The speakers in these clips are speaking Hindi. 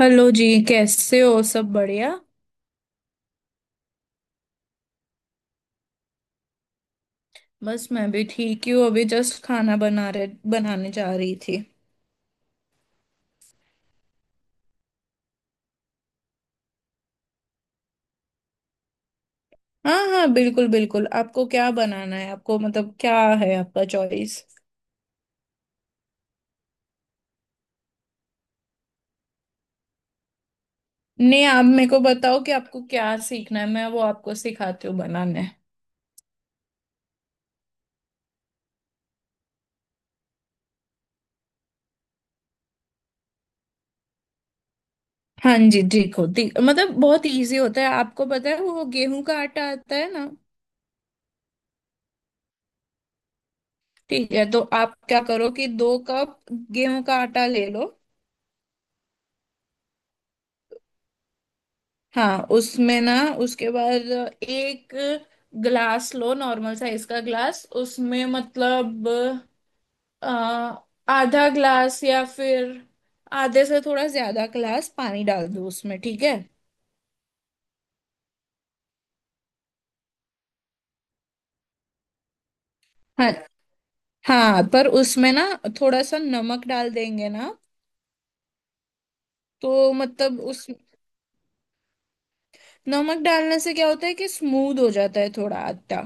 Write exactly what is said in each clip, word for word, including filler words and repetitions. हेलो जी। कैसे हो? सब बढ़िया। बस मैं भी ठीक ही हूँ, अभी जस्ट खाना बना रहे बनाने जा रही थी। हाँ हाँ, बिल्कुल बिल्कुल। आपको क्या बनाना है? आपको मतलब क्या है, आपका चॉइस। नहीं, आप मेरे को बताओ कि आपको क्या सीखना है, मैं वो आपको सिखाती हूँ बनाने। हाँ जी ठीक हो, ठीक। मतलब बहुत इजी होता है। आपको पता है वो गेहूं का आटा आता है ना? ठीक है, तो आप क्या करो कि दो कप गेहूं का आटा ले लो। हाँ, उसमें ना, उसके बाद एक ग्लास लो, नॉर्मल साइज का ग्लास, उसमें मतलब अ, आधा ग्लास या फिर आधे से थोड़ा ज्यादा ग्लास पानी डाल दो उसमें, ठीक है। हाँ हाँ, पर उसमें ना थोड़ा सा नमक डाल देंगे ना। तो मतलब उस नमक डालने से क्या होता है कि स्मूथ हो जाता है थोड़ा आटा।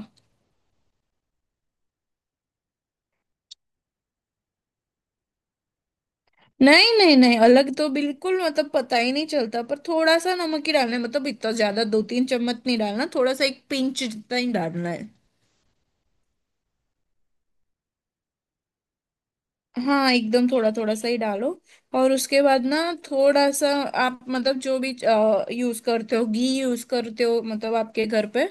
नहीं नहीं नहीं, अलग तो बिल्कुल मतलब पता ही नहीं चलता, पर थोड़ा सा नमक ही डालना है, मतलब इतना ज्यादा दो तीन चम्मच नहीं डालना, थोड़ा सा, एक पिंच जितना ही डालना है। हाँ, एकदम थोड़ा थोड़ा सा ही डालो। और उसके बाद ना, थोड़ा सा आप मतलब जो भी यूज करते हो, घी यूज करते हो मतलब आपके घर पे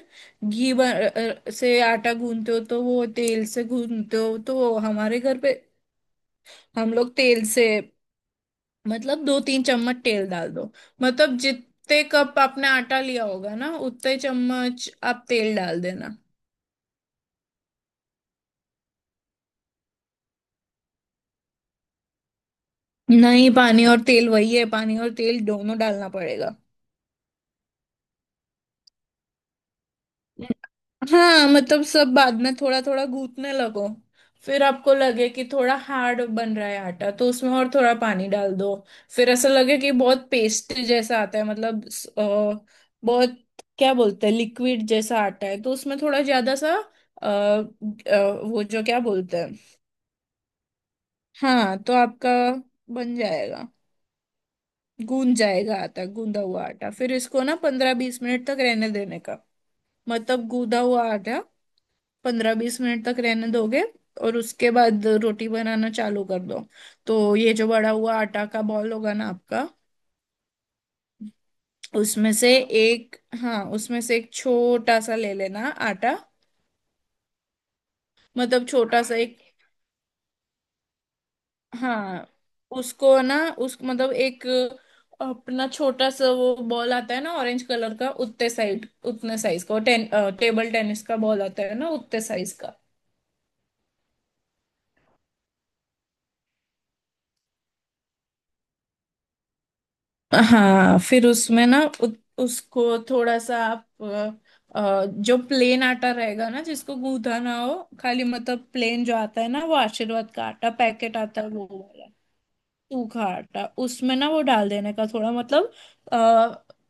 घी ब- अ, अ, से आटा गूंथते हो तो वो, तेल से गूंथते हो तो वो। हमारे घर पे हम लोग तेल से, मतलब दो तीन चम्मच तेल डाल दो। मतलब जितने कप आपने आटा लिया होगा ना उतने चम्मच आप तेल डाल देना। नहीं, पानी और तेल वही है, पानी और तेल दोनों डालना पड़ेगा। हाँ मतलब सब बाद में थोड़ा थोड़ा गूंथने लगो। फिर आपको लगे कि थोड़ा हार्ड बन रहा है आटा, तो उसमें और थोड़ा पानी डाल दो। फिर ऐसा लगे कि बहुत पेस्ट जैसा आता है मतलब स- अ, बहुत, क्या बोलते हैं, लिक्विड जैसा आटा है, तो उसमें थोड़ा ज्यादा सा अ, अ, वो, जो क्या बोलते हैं। हाँ तो आपका बन जाएगा, गूंद जाएगा आटा। गूंदा हुआ आटा फिर इसको ना पंद्रह बीस मिनट तक रहने देने का। मतलब गूंदा हुआ आटा पंद्रह बीस मिनट तक रहने दोगे, और उसके बाद रोटी बनाना चालू कर दो। तो ये जो बड़ा हुआ आटा का बॉल होगा ना आपका, उसमें से एक, हाँ उसमें से एक छोटा सा ले लेना आटा। मतलब छोटा सा एक, हाँ उसको ना, उस मतलब एक अपना छोटा सा वो बॉल आता है ना, ऑरेंज कलर का, उतने साइड उतने साइज का, टेन टेबल टेनिस का बॉल आता है ना उतने साइज। हाँ, फिर उसमें ना उ, उसको थोड़ा सा आप अ, अ, जो प्लेन आटा रहेगा ना, जिसको गूंदा ना हो, खाली मतलब प्लेन जो आता है ना, वो आशीर्वाद का आटा पैकेट आता है वो वाला, सूखा आटा उसमें ना वो डाल देने का थोड़ा, मतलब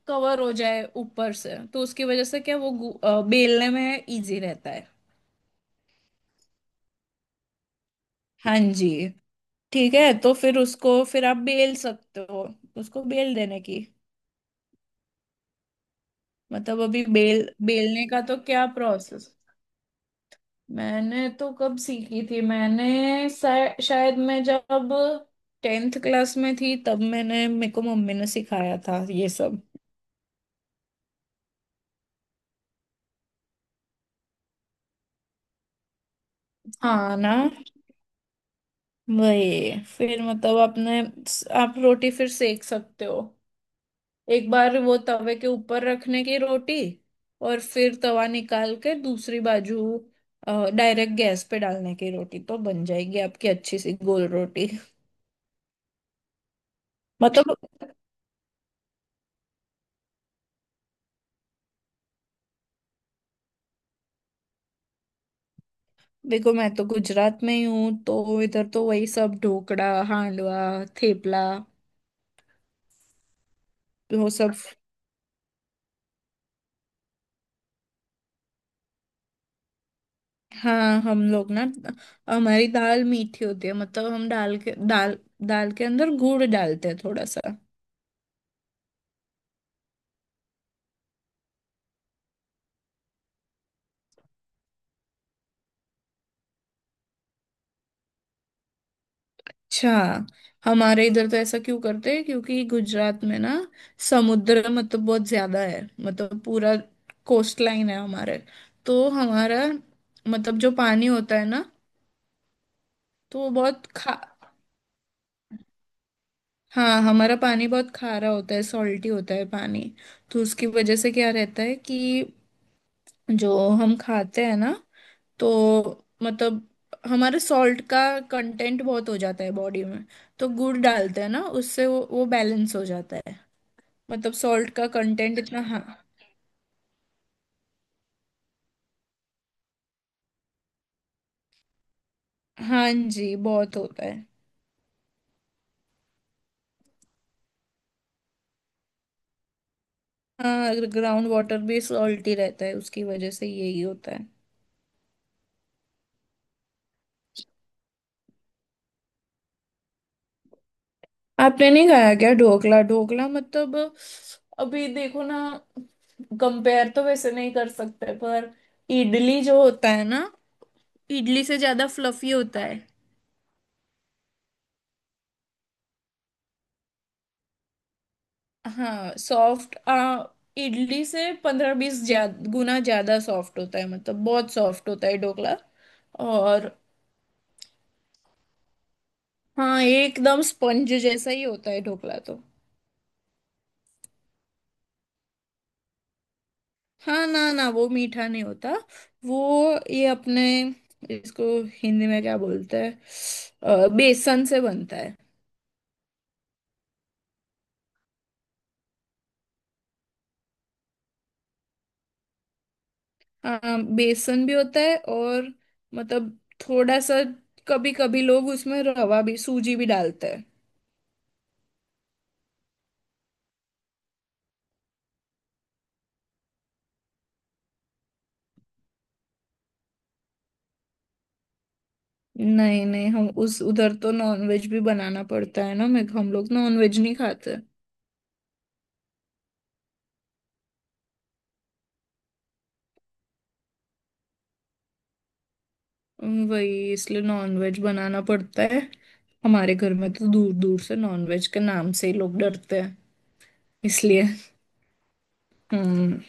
कवर हो जाए ऊपर से, तो उसकी वजह से क्या, वो गू- अ, बेलने में इजी रहता है। हाँ जी। ठीक है, तो फिर उसको फिर आप बेल सकते हो, उसको बेल देने की। मतलब अभी बेल बेलने का तो क्या प्रोसेस। मैंने तो कब सीखी थी, मैंने शा- शायद मैं जब टेंथ क्लास में थी तब मैंने, मेरे को मम्मी ने सिखाया था ये सब। हाँ ना। वही फिर मतलब आपने आप रोटी फिर सेक सकते हो। एक बार वो तवे के ऊपर रखने की रोटी, और फिर तवा निकाल के दूसरी बाजू डायरेक्ट गैस पे डालने की रोटी, तो बन जाएगी आपकी अच्छी सी गोल रोटी। मतलब देखो, मैं तो गुजरात में ही हूँ, तो इधर तो वही सब ढोकड़ा, हांडवा, थेपला, वो सब। हाँ, हम लोग ना, हमारी दाल मीठी होती है, मतलब हम डाल के दाल, दाल के अंदर गुड़ डालते हैं थोड़ा सा। अच्छा। हमारे इधर तो ऐसा क्यों करते हैं क्योंकि गुजरात में ना, समुद्र मतलब बहुत ज्यादा है, मतलब पूरा कोस्ट लाइन है हमारे। तो हमारा मतलब जो पानी होता है ना, तो वो बहुत खा, हाँ हमारा पानी बहुत खारा होता है, सॉल्टी होता है पानी। तो उसकी वजह से क्या रहता है कि जो हम खाते हैं ना, तो मतलब हमारे सॉल्ट का कंटेंट बहुत हो जाता है बॉडी में। तो गुड़ डालते हैं ना, उससे वो वो बैलेंस हो जाता है, मतलब सॉल्ट का कंटेंट इतना। हाँ, हाँ जी बहुत होता है। हाँ, ग्राउंड वाटर भी सॉल्टी रहता है, उसकी वजह से यही होता है। आपने नहीं खाया क्या ढोकला? ढोकला मतलब, अभी देखो ना, कंपेयर तो वैसे नहीं कर सकते पर इडली जो होता है ना, इडली से ज्यादा फ्लफी होता है। हाँ सॉफ्ट, आ इडली से पंद्रह बीस गुना ज्यादा सॉफ्ट होता है, मतलब बहुत सॉफ्ट होता है ढोकला। और हाँ, एकदम स्पंज जैसा ही होता है ढोकला तो। हाँ ना ना, वो मीठा नहीं होता। वो, ये अपने इसको हिंदी में क्या बोलते हैं, अ, बेसन से बनता है। हाँ, बेसन भी होता है और मतलब थोड़ा सा कभी कभी लोग उसमें रवा भी, सूजी भी डालते हैं। नहीं नहीं, हम उस उधर तो नॉनवेज भी बनाना पड़ता है ना, मैं हम लोग नॉनवेज नहीं खाते। हम्म, वही इसलिए नॉनवेज बनाना पड़ता है। हमारे घर में तो दूर दूर से नॉनवेज के नाम से ही लोग डरते हैं, इसलिए। हम्म।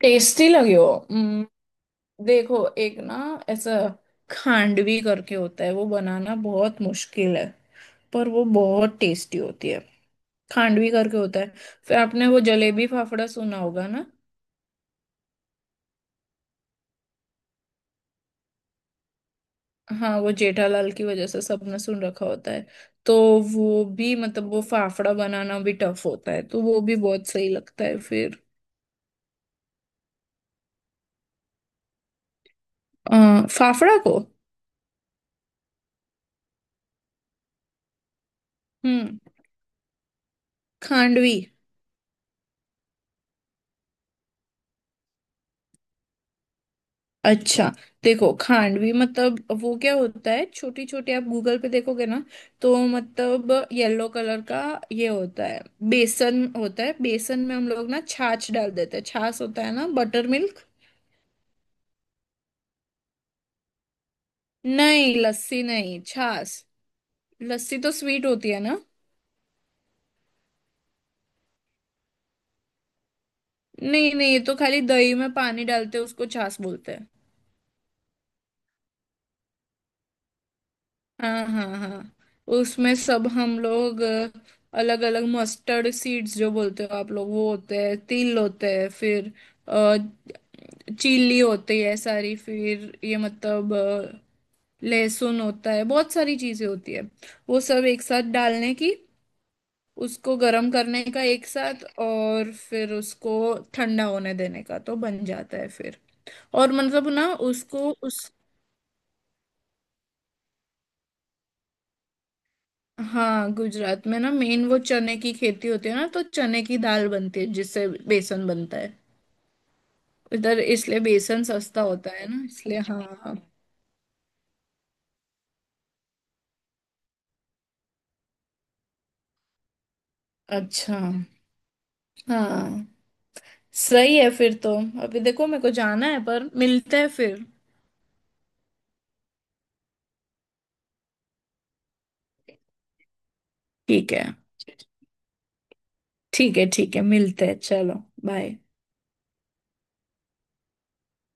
टेस्टी लगे हो। हम्म, देखो एक ना, ऐसा खांडवी करके होता है, वो बनाना बहुत मुश्किल है, पर वो बहुत टेस्टी होती है। खांडवी करके होता है। फिर आपने वो जलेबी फाफड़ा सुना होगा ना। हाँ, वो जेठालाल की वजह से सबने सुन रखा होता है तो। वो भी मतलब वो फाफड़ा बनाना भी टफ होता है, तो वो भी बहुत सही लगता है फिर। आ, फाफड़ा को। हम्म। खांडवी। अच्छा, देखो खांडवी मतलब वो क्या होता है, छोटी छोटी, आप गूगल पे देखोगे ना, तो मतलब येलो कलर का ये होता है। बेसन होता है, बेसन में हम लोग ना छाछ डाल देते हैं। छाछ होता है ना, बटर मिल्क। नहीं, लस्सी नहीं, छाछ। लस्सी तो स्वीट होती है ना। नहीं नहीं, ये तो खाली दही में पानी डालते हैं, उसको छाछ बोलते हैं। हाँ हाँ हाँ, उसमें सब हम लोग अलग अलग मस्टर्ड सीड्स जो बोलते हो आप लोग वो होते हैं, तिल होते हैं, फिर चिल्ली होती है सारी, फिर ये मतलब अ, लहसुन होता है, बहुत सारी चीजें होती है। वो सब एक साथ डालने की, उसको गर्म करने का एक साथ, और फिर उसको ठंडा होने देने का तो बन जाता है फिर। और मतलब ना उसको। हाँ, गुजरात में ना मेन वो चने की खेती होती है ना, तो चने की दाल बनती है जिससे बेसन बनता है। इधर इसलिए बेसन सस्ता होता है ना इसलिए, हाँ। अच्छा। हाँ सही है फिर तो। अभी देखो मेरे को जाना है, पर मिलते हैं फिर। ठीक है ठीक है ठीक है, मिलते हैं चलो। बाय।